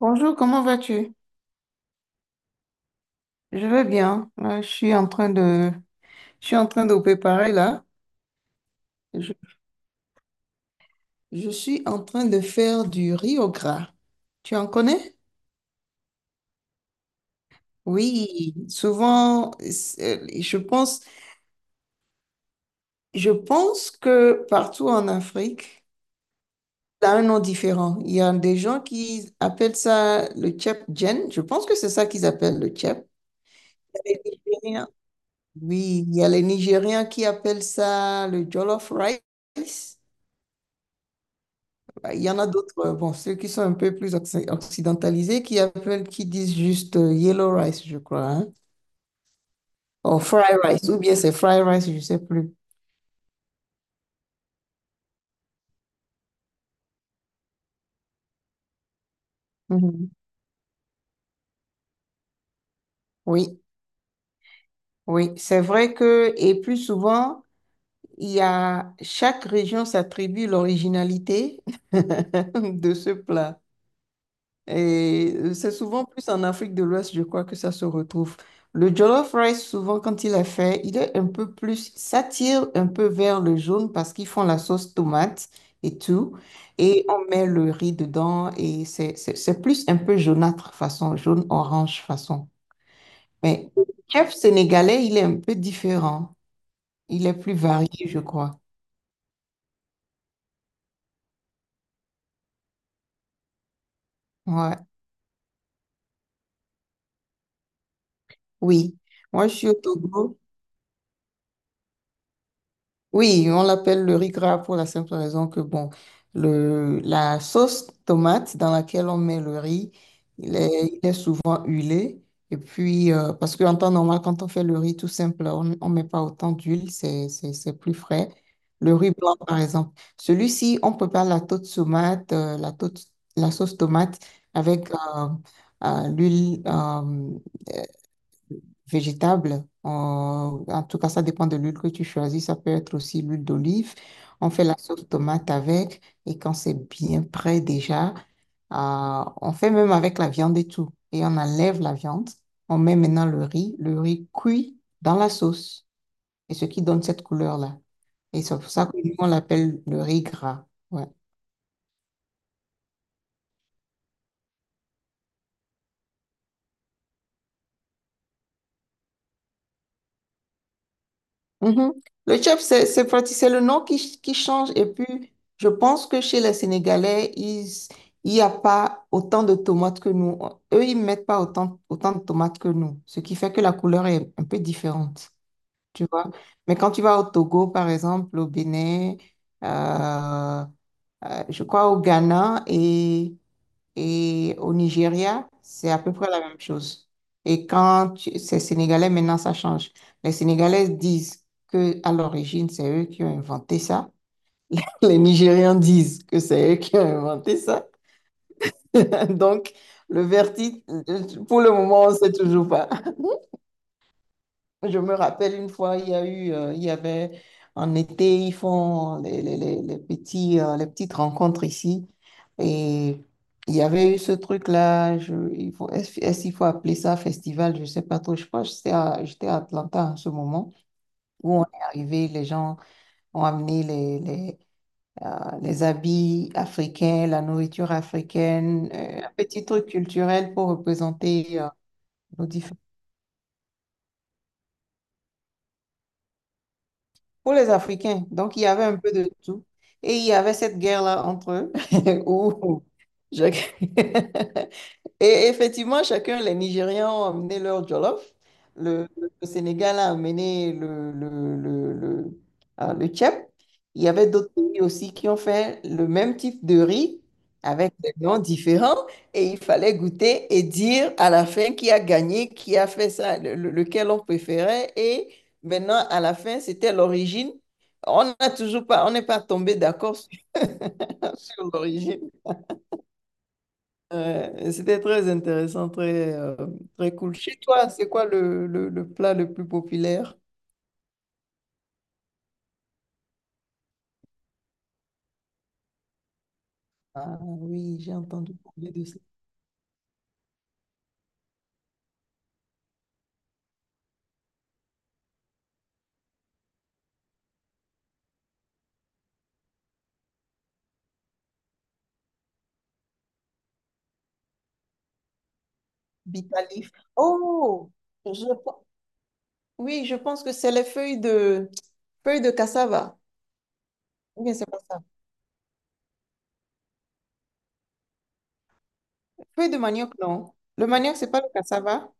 Bonjour, comment vas-tu? Je vais bien. Je suis en train de préparer là. Je, je suis en train de faire du riz au gras. Tu en connais? Oui, souvent, je pense que partout en Afrique, ça a un nom différent. Il y a des gens qui appellent ça le tchèp-djen. Je pense que c'est ça qu'ils appellent le tchèp. Il y a les Nigériens. Oui, il y a les Nigériens qui appellent ça le jollof rice. Bah, il y en a d'autres, bon, ceux qui sont un peu plus occidentalisés, qui disent juste yellow rice, je crois, hein, ou fried rice, ou bien c'est fried rice, je ne sais plus. Mhm. Oui, oui, c'est vrai que, et plus souvent, il y a, chaque région s'attribue l'originalité de ce plat. Et c'est souvent plus en Afrique de l'Ouest, je crois, que ça se retrouve. Le jollof rice, souvent, quand il est fait, il est un peu plus, ça tire un peu vers le jaune parce qu'ils font la sauce tomate et tout. Et on met le riz dedans et c'est plus un peu jaunâtre façon, jaune-orange façon. Mais le chef sénégalais, il est un peu différent. Il est plus varié, je crois. Ouais. Oui. Moi, je suis au Togo. Oui, on l'appelle le riz gras pour la simple raison que, bon, la sauce tomate dans laquelle on met le riz, il est, il est souvent huilé. Et puis, parce qu'en temps normal, quand on fait le riz tout simple, on ne met pas autant d'huile, c'est plus frais. Le riz blanc, par exemple. Celui-ci, on prépare la sauce tomate, la sauce tomate avec l'huile. Végétable. En tout cas, ça dépend de l'huile que tu choisis. Ça peut être aussi l'huile d'olive. On fait la sauce tomate avec et quand c'est bien prêt déjà, on fait même avec la viande et tout. Et on enlève la viande. On met maintenant le riz. Le riz cuit dans la sauce. Et ce qui donne cette couleur-là. Et c'est pour ça que nous, on l'appelle le riz gras. Ouais. Mhm. Le chef, c'est le nom qui change. Et puis, je pense que chez les Sénégalais, il n'y a pas autant de tomates que nous. Eux, ils ne mettent pas autant, autant de tomates que nous, ce qui fait que la couleur est un peu différente, tu vois. Mais quand tu vas au Togo, par exemple, au Bénin, euh, je crois au Ghana et au Nigeria, c'est à peu près la même chose. Et c'est sénégalais, maintenant, ça change. Les Sénégalais disent que à l'origine, c'est eux qui ont inventé ça. Les Nigérians disent que c'est eux qui ont inventé ça. Donc, le verdict, pour le moment, on ne sait toujours pas. Je me rappelle une fois, il y avait en été, ils font les petits, les petites rencontres ici. Et il y avait eu ce truc-là. Il faut, est-ce qu'il faut appeler ça festival? Je ne sais pas trop. Je crois que j'étais à Atlanta en ce moment où on est arrivé. Les gens ont amené les habits africains, la nourriture africaine, un petit truc culturel pour représenter, nos différences pour les Africains. Donc, il y avait un peu de tout. Et il y avait cette guerre-là entre eux où je- Et effectivement, chacun, les Nigériens ont amené leur jollof. Sénégal a amené le tchèp. Il y avait d'autres pays aussi qui ont fait le même type de riz avec des noms différents. Et il fallait goûter et dire à la fin qui a gagné, qui a fait ça, lequel on préférait. Et maintenant, à la fin, c'était l'origine. On n'est pas tombé d'accord sur, sur l'origine. Ouais, c'était très intéressant, très, très cool. Chez toi, c'est quoi le plat le plus populaire? Ah oui, j'ai entendu parler de ça. Bitalif. Oh, je, oui, je pense que c'est les feuilles de cassava. Ou bien c'est pas ça. Feuilles de manioc, non. Le manioc, c'est pas le cassava?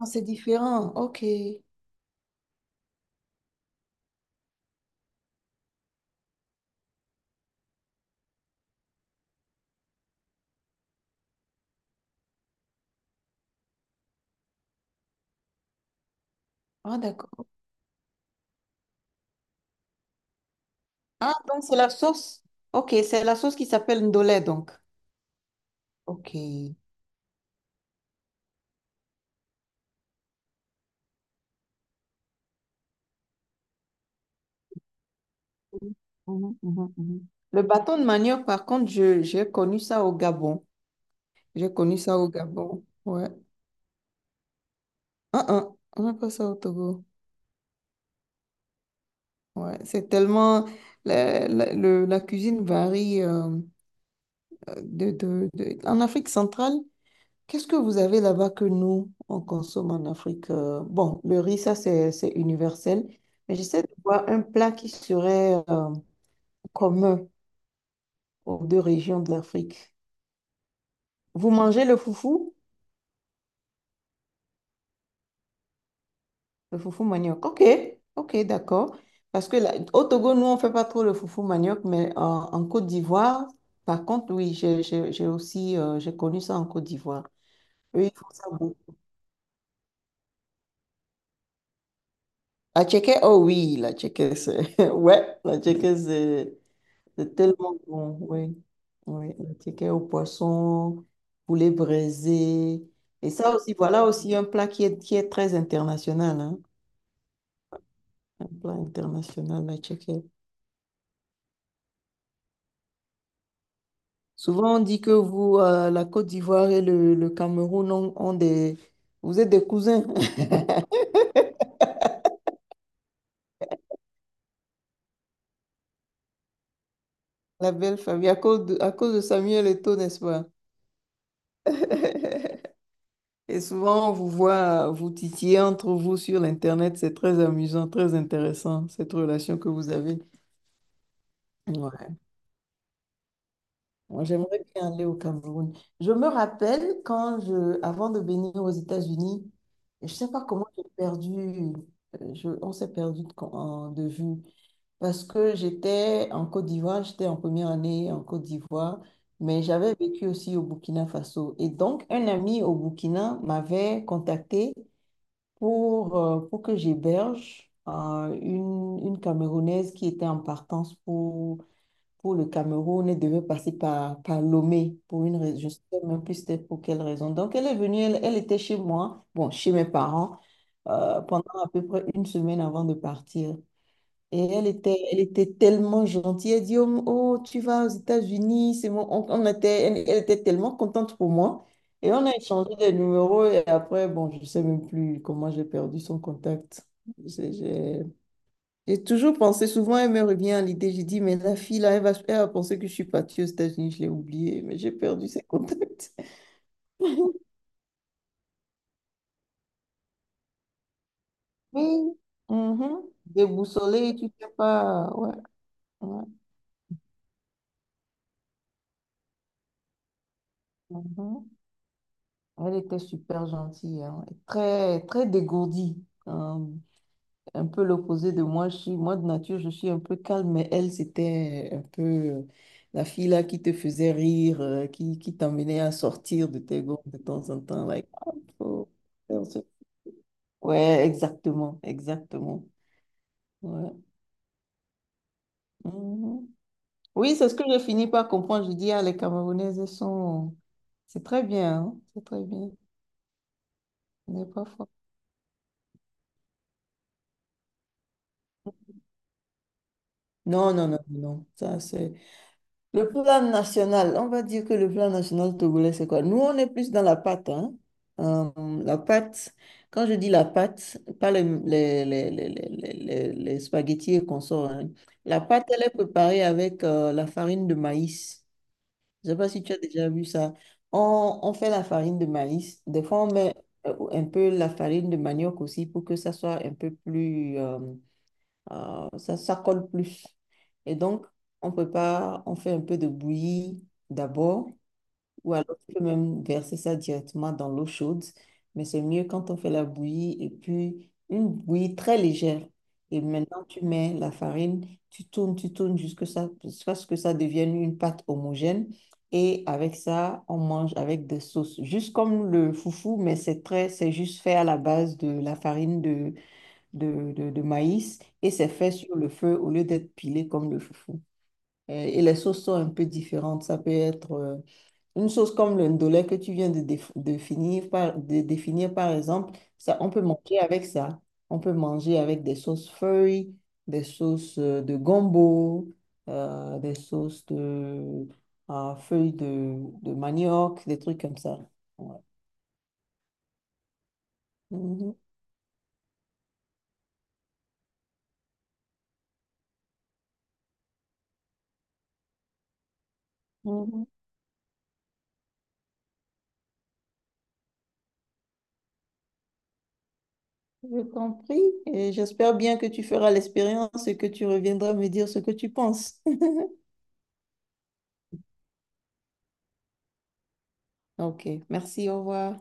Non, c'est différent. OK. Ah, d'accord. Ah, donc c'est la sauce. OK, c'est la sauce qui s'appelle ndolé, donc. OK. Mhm, mhm, mhm. Le bâton de manioc, par contre, j'ai connu ça au Gabon. J'ai connu ça au Gabon. Ouais. Ah, ah, on n'a pas ça au Togo. Ouais. C'est tellement. La cuisine varie en Afrique centrale, qu'est-ce que vous avez là-bas que nous, on consomme en Afrique? Bon, le riz, ça, c'est universel. Mais j'essaie de voir un plat qui serait commun aux deux régions de l'Afrique. Vous mangez le foufou? Le foufou manioc. Ok, ok, d'accord. Parce que là, au Togo, nous, on ne fait pas trop le foufou manioc, mais en Côte d'Ivoire, par contre, oui, j'ai aussi j'ai connu ça en Côte d'Ivoire. Eux, ils font ça beaucoup. La tchéké, oh oui, la tchéké, c'est... Ouais, la tchéké, c'est tellement bon, oui. Oui, la tchéké au poisson, poulet braisé. Et ça aussi, voilà aussi un plat qui est très international, hein. Un plat international, la tchéké. Souvent, on dit que vous, la Côte d'Ivoire et le Cameroun ont des... Vous êtes des cousins, la belle famille, à cause de Samuel Eto'o, n'est-ce pas? Et souvent, on vous voit vous titiller entre vous sur l'Internet. C'est très amusant, très intéressant, cette relation que vous avez. Ouais. Moi, j'aimerais bien aller au Cameroun. Je me rappelle avant de venir aux États-Unis, je ne sais pas comment j'ai perdu, on s'est perdu de de vue. Parce que j'étais en Côte d'Ivoire, j'étais en première année en Côte d'Ivoire, mais j'avais vécu aussi au Burkina Faso. Et donc, un ami au Burkina m'avait contacté pour que j'héberge une Camerounaise qui était en partance pour le Cameroun et devait passer par, par Lomé pour une raison. Je ne sais même plus c'était pour quelle raison. Donc, elle est venue, elle, elle était chez moi, bon, chez mes parents, pendant à peu près une semaine avant de partir. Et elle était tellement gentille. Elle dit, oh, oh, tu vas aux États-Unis. C'est bon. On était, elle, elle était tellement contente pour moi. Et on a échangé des numéros. Et après, bon, je ne sais même plus comment j'ai perdu son contact. J'ai j'ai- j'ai toujours pensé, souvent elle me revient à l'idée. J'ai dit, mais la fille là, elle va penser que je suis partie aux États-Unis. Je l'ai oubliée, mais j'ai perdu ses contacts. Oui. Mhm. Déboussolée, tu sais pas. Ouais. ouais. Mhm. Elle était super gentille, hein, et très, très dégourdie. Hein, un peu l'opposé de moi. De nature, je suis un peu calme, mais elle, c'était un peu la fille là qui te faisait rire, qui t'emmenait à sortir de tes gonds de temps en temps. Like, ah, faut faire ce- ouais, exactement, exactement. Ouais. Mhm. Oui, c'est ce que je finis par comprendre. Je dis, ah, les Camerounaises, elles sont... C'est très bien, hein, c'est très bien. Mais parfois... Non, non, non, non. Ça, c'est... Le plan national, on va dire que le plan national togolais, c'est quoi? Nous, on est plus dans la pâte, hein. Euh, la pâte, quand je dis la pâte, pas les spaghettis et consorts, hein. La pâte, elle est préparée avec la farine de maïs. Je ne sais pas si tu as déjà vu ça. On fait la farine de maïs. Des fois, on met un peu la farine de manioc aussi pour que ça soit un peu plus... ça, ça colle plus. Et donc, on prépare, on fait un peu de bouillie d'abord, ou alors tu peux même verser ça directement dans l'eau chaude, mais c'est mieux quand on fait la bouillie et puis une bouillie très légère. Et maintenant, tu mets la farine, tu tournes jusqu'à ce que ça devienne une pâte homogène. Et avec ça, on mange avec des sauces, juste comme le foufou, mais c'est juste fait à la base de la farine de de maïs et c'est fait sur le feu au lieu d'être pilé comme le foufou. Et les sauces sont un peu différentes. Ça peut être une sauce comme le ndolé que tu viens de, de définir, par exemple. Ça, on peut manger avec ça. On peut manger avec des sauces feuilles, des sauces de gombo, des sauces de feuilles de manioc, des trucs comme ça. Ouais. Mhm. Mhm. Je compris et j'espère bien que tu feras l'expérience et que tu reviendras me dire ce que tu penses. Ok, merci, au revoir.